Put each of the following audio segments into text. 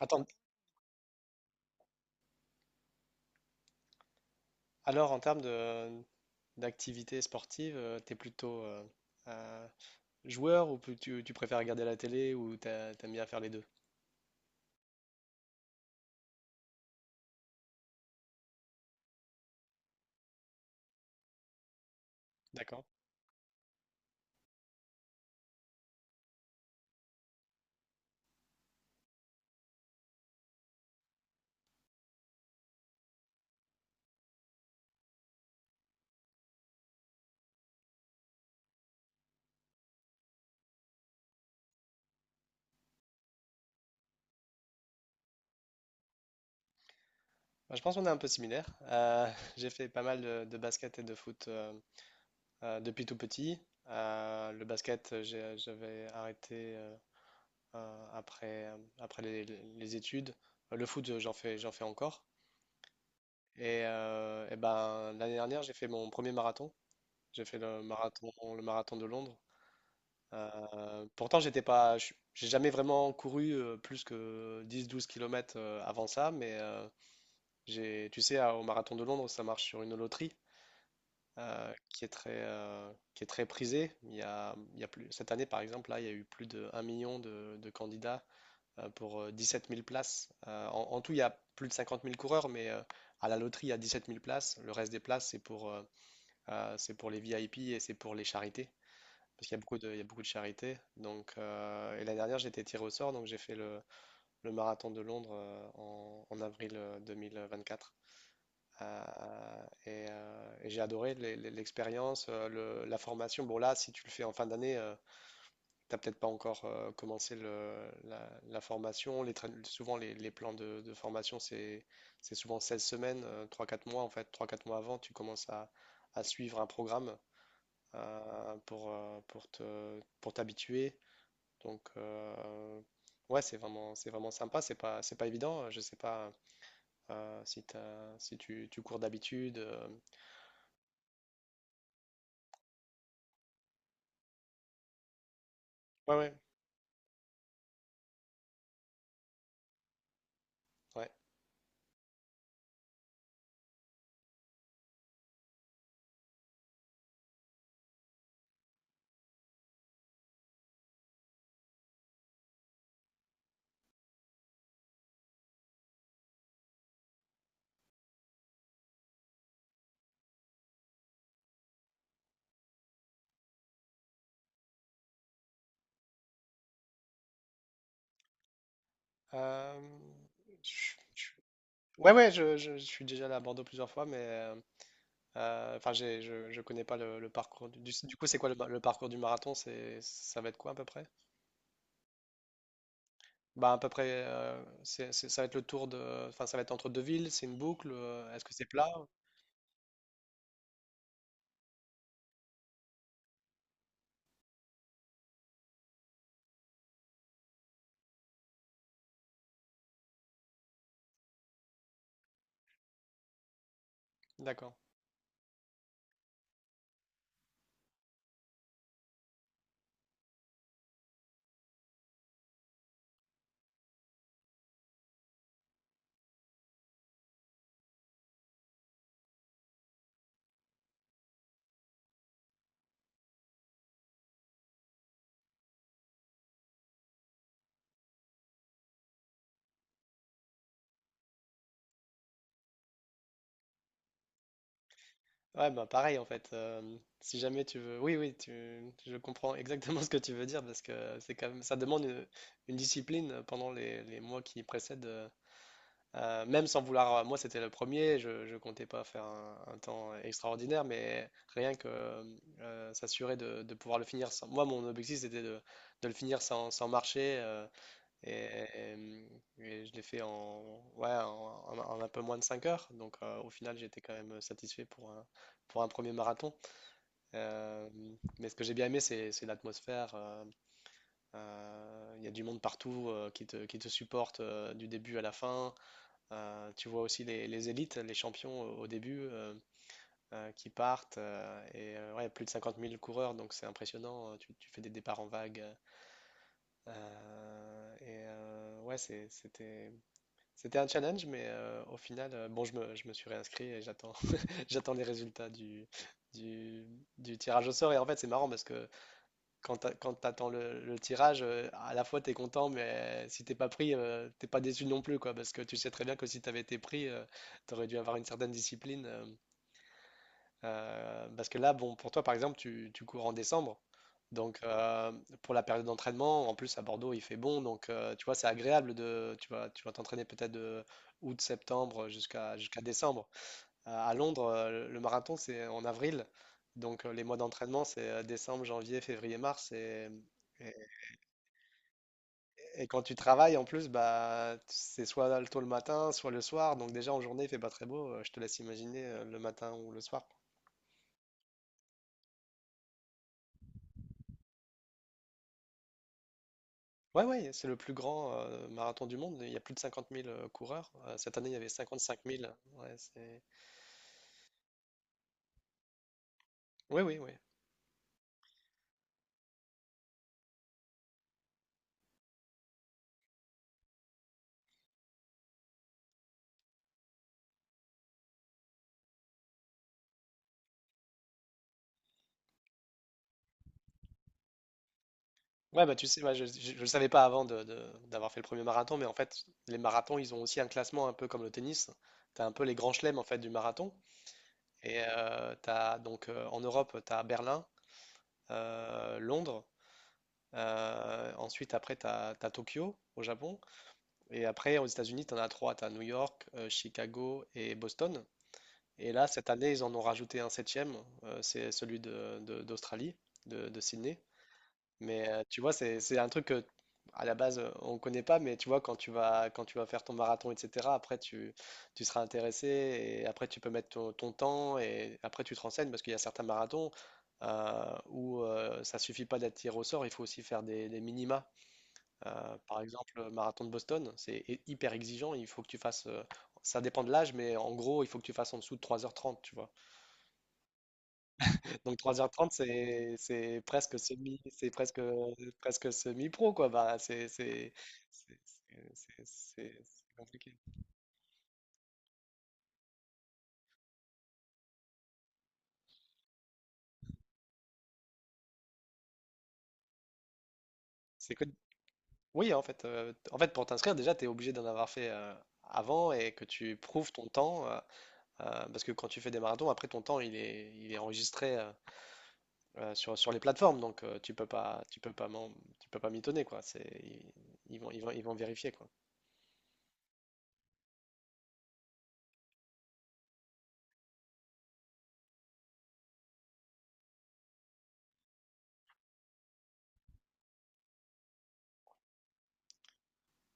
Attends, alors en termes de d'activité sportive, t'es plutôt euh, joueur ou tu préfères regarder la télé ou t'aimes bien faire les deux? D'accord. Bah, je pense qu'on est un peu similaires. J'ai fait pas mal de basket et de foot depuis tout petit. Le basket, j'avais arrêté après, après les études. Le foot, j'en fais encore. Et, eh ben, l'année dernière, j'ai fait mon premier marathon. J'ai fait le marathon de Londres. Pourtant, j'étais pas, j'ai jamais vraiment couru plus que 10-12 km avant ça, mais tu sais, au marathon de Londres, ça marche sur une loterie qui est qui est très prisée. Il y a plus, cette année, par exemple, là, il y a eu plus de 1 000 000 de candidats pour 17 000 places. En tout, il y a plus de 50 000 coureurs, mais à la loterie, il y a 17 000 places. Le reste des places, c'est pour les VIP et c'est pour les charités parce qu'il y a beaucoup il y a beaucoup de charité. Donc, et l'année dernière, j'ai été tiré au sort, donc j'ai fait le marathon de Londres en avril 2024. Et j'ai adoré l'expérience, la formation. Bon, là, si tu le fais en fin d'année, t'as peut-être pas encore commencé la formation. Souvent, les plans de formation, c'est souvent 16 semaines, trois quatre mois. En fait, trois quatre mois avant, tu commences à suivre un programme pour te, pour t'habituer. Donc, ouais, c'est vraiment sympa. C'est pas évident. Je sais pas si si tu cours d'habitude. Ouais, ouais. Euh, je- Ouais, je suis déjà allé à Bordeaux plusieurs fois, mais enfin, je connais pas le parcours. Du coup, c'est quoi le parcours du marathon? C'est, ça va être quoi à peu près? Bah, à peu près, ça va être le tour de, enfin, ça va être entre deux villes. C'est une boucle. Est-ce que c'est plat? D'accord. Ouais, bah pareil en fait. Si jamais tu veux, oui, je comprends exactement ce que tu veux dire parce que c'est quand même, ça demande une discipline pendant les mois qui précèdent. Même sans vouloir, moi c'était le premier, ne comptais pas faire un temps extraordinaire, mais rien que s'assurer de pouvoir le finir sans. Moi, mon objectif c'était de le finir sans marcher. Et, et je l'ai fait ouais, en, en un peu moins de 5 heures. Donc au final, j'étais quand même satisfait pour pour un premier marathon. Euh, mais ce que j'ai bien aimé, c'est l'atmosphère. Il y a du monde partout qui te supporte du début à la fin. Tu vois aussi les élites, les champions au début qui partent. Ouais, plus de 50 000 coureurs, donc c'est impressionnant. Euh, tu fais des départs en vague. Ouais, c'était c'était un challenge, mais au final, bon, je me suis réinscrit et j'attends, j'attends les résultats du, du tirage au sort. Et en fait, c'est marrant parce que quand quand t'attends le tirage, à la fois t'es content, mais si t'es pas pris, t'es pas déçu non plus, quoi, parce que tu sais très bien que si t'avais été pris, tu t'aurais dû avoir une certaine discipline. Parce que là, bon, pour toi, par exemple, tu cours en décembre. Donc, pour la période d'entraînement, en plus à Bordeaux, il fait bon. Donc, tu vois, c'est agréable de. Tu vas t'entraîner peut-être de août, septembre jusqu'à décembre. À Londres, le marathon, c'est en avril. Donc, les mois d'entraînement, c'est décembre, janvier, février, mars. Et, et quand tu travailles, en plus, bah, c'est soit tôt le matin, soit le soir. Donc, déjà, en journée, il fait pas très beau. Je te laisse imaginer le matin ou le soir. Ouais, ouais, c'est le plus grand marathon du monde. Il y a plus de 50 000 coureurs. Cette année, il y avait 55 000. Ouais, c'est... Oui, oui, oui. Ouais, bah tu sais, moi je ne le savais pas avant d'avoir fait le premier marathon, mais en fait, les marathons, ils ont aussi un classement un peu comme le tennis. Tu as un peu les grands chelems en fait, du marathon. Et donc, en Europe, tu as Berlin, Londres. Ensuite, après, tu as, Tokyo au Japon. Et après, aux États-Unis, tu en as trois. Tu as New York, Chicago et Boston. Et là, cette année, ils en ont rajouté un septième, c'est celui d'Australie, de Sydney. Mais tu vois, c'est un truc que, à la base, on ne connaît pas, mais tu vois, quand tu vas faire ton marathon, etc., après, tu seras intéressé, et après, tu peux mettre ton, ton temps, et après, tu te renseignes, parce qu'il y a certains marathons où ça suffit pas d'être tiré au sort, il faut aussi faire des minima. Par exemple, le marathon de Boston, c'est hyper exigeant, il faut que tu fasses, ça dépend de l'âge, mais en gros, il faut que tu fasses en dessous de 3h30, tu vois. Donc 3h30, c'est presque semi, c'est presque presque semi-pro quoi. C'est c'est compliqué. C'est que oui en fait pour t'inscrire déjà tu es obligé d'en avoir fait avant et que tu prouves ton temps parce que quand tu fais des marathons après ton temps il est enregistré sur sur les plateformes donc tu peux pas tu peux pas mitonner quoi. Ils vont vérifier quoi.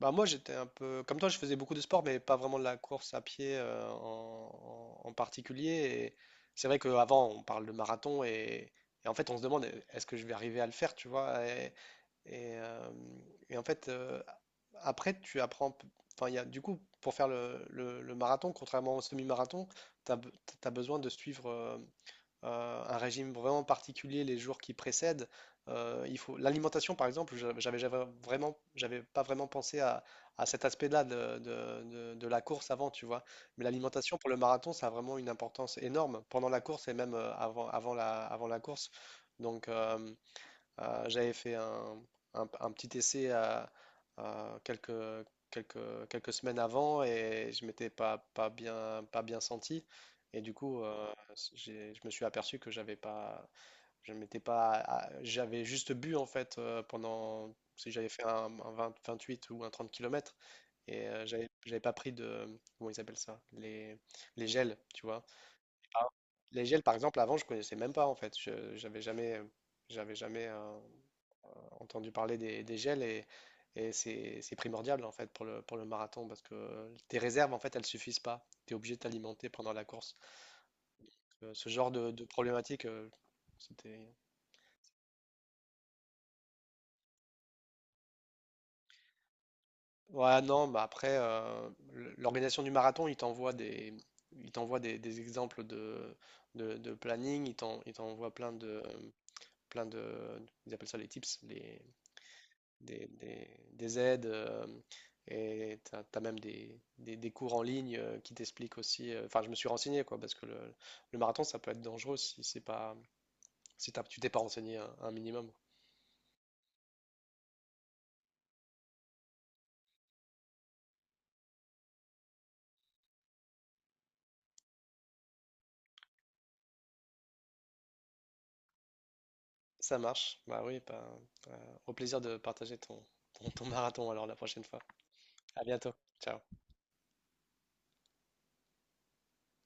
Bah moi j'étais un peu comme toi, je faisais beaucoup de sport, mais pas vraiment de la course à pied en particulier. Et c'est vrai qu'avant on parle de marathon et en fait on se demande est-ce que je vais arriver à le faire, tu vois. Et, euh, et en fait après tu apprends, enfin il y a, du coup pour faire le marathon, contrairement au semi-marathon, tu as, besoin de suivre. Un régime vraiment particulier les jours qui précèdent. Il faut l'alimentation par exemple, j'avais vraiment, j'avais pas vraiment pensé à cet aspect-là de la course avant, tu vois. Mais l'alimentation pour le marathon, ça a vraiment une importance énorme pendant la course et même avant avant la course. Donc, j'avais fait un petit essai à quelques, quelques semaines avant et je m'étais pas, pas bien senti. Et du coup, je me suis aperçu que j'avais pas, je m'étais pas, j'avais juste bu en fait pendant, si j'avais fait un 28 ou un 30 kilomètres et j'avais pas pris de, comment ils appellent ça, les gels, tu vois. Ah. Les gels, par exemple, avant, je connaissais même pas en fait. J'avais jamais. Entendu parler des gels et c'est primordial en fait pour pour le marathon parce que tes réserves en fait elles suffisent pas. Tu es obligé de t'alimenter pendant la course. Ce genre de problématique, c'était. Ouais, non, bah après, l'organisation du marathon, il t'envoie des exemples de, de planning, il t'envoie plein de, ils appellent ça les tips, les, des aides et tu as, même des cours en ligne qui t'expliquent aussi. Enfin, je me suis renseigné quoi, parce que le marathon ça peut être dangereux si c'est pas si tu t'es pas renseigné un minimum. Ça marche, bah oui, bah, euh, au plaisir de partager ton marathon alors la prochaine fois. À bientôt, ciao.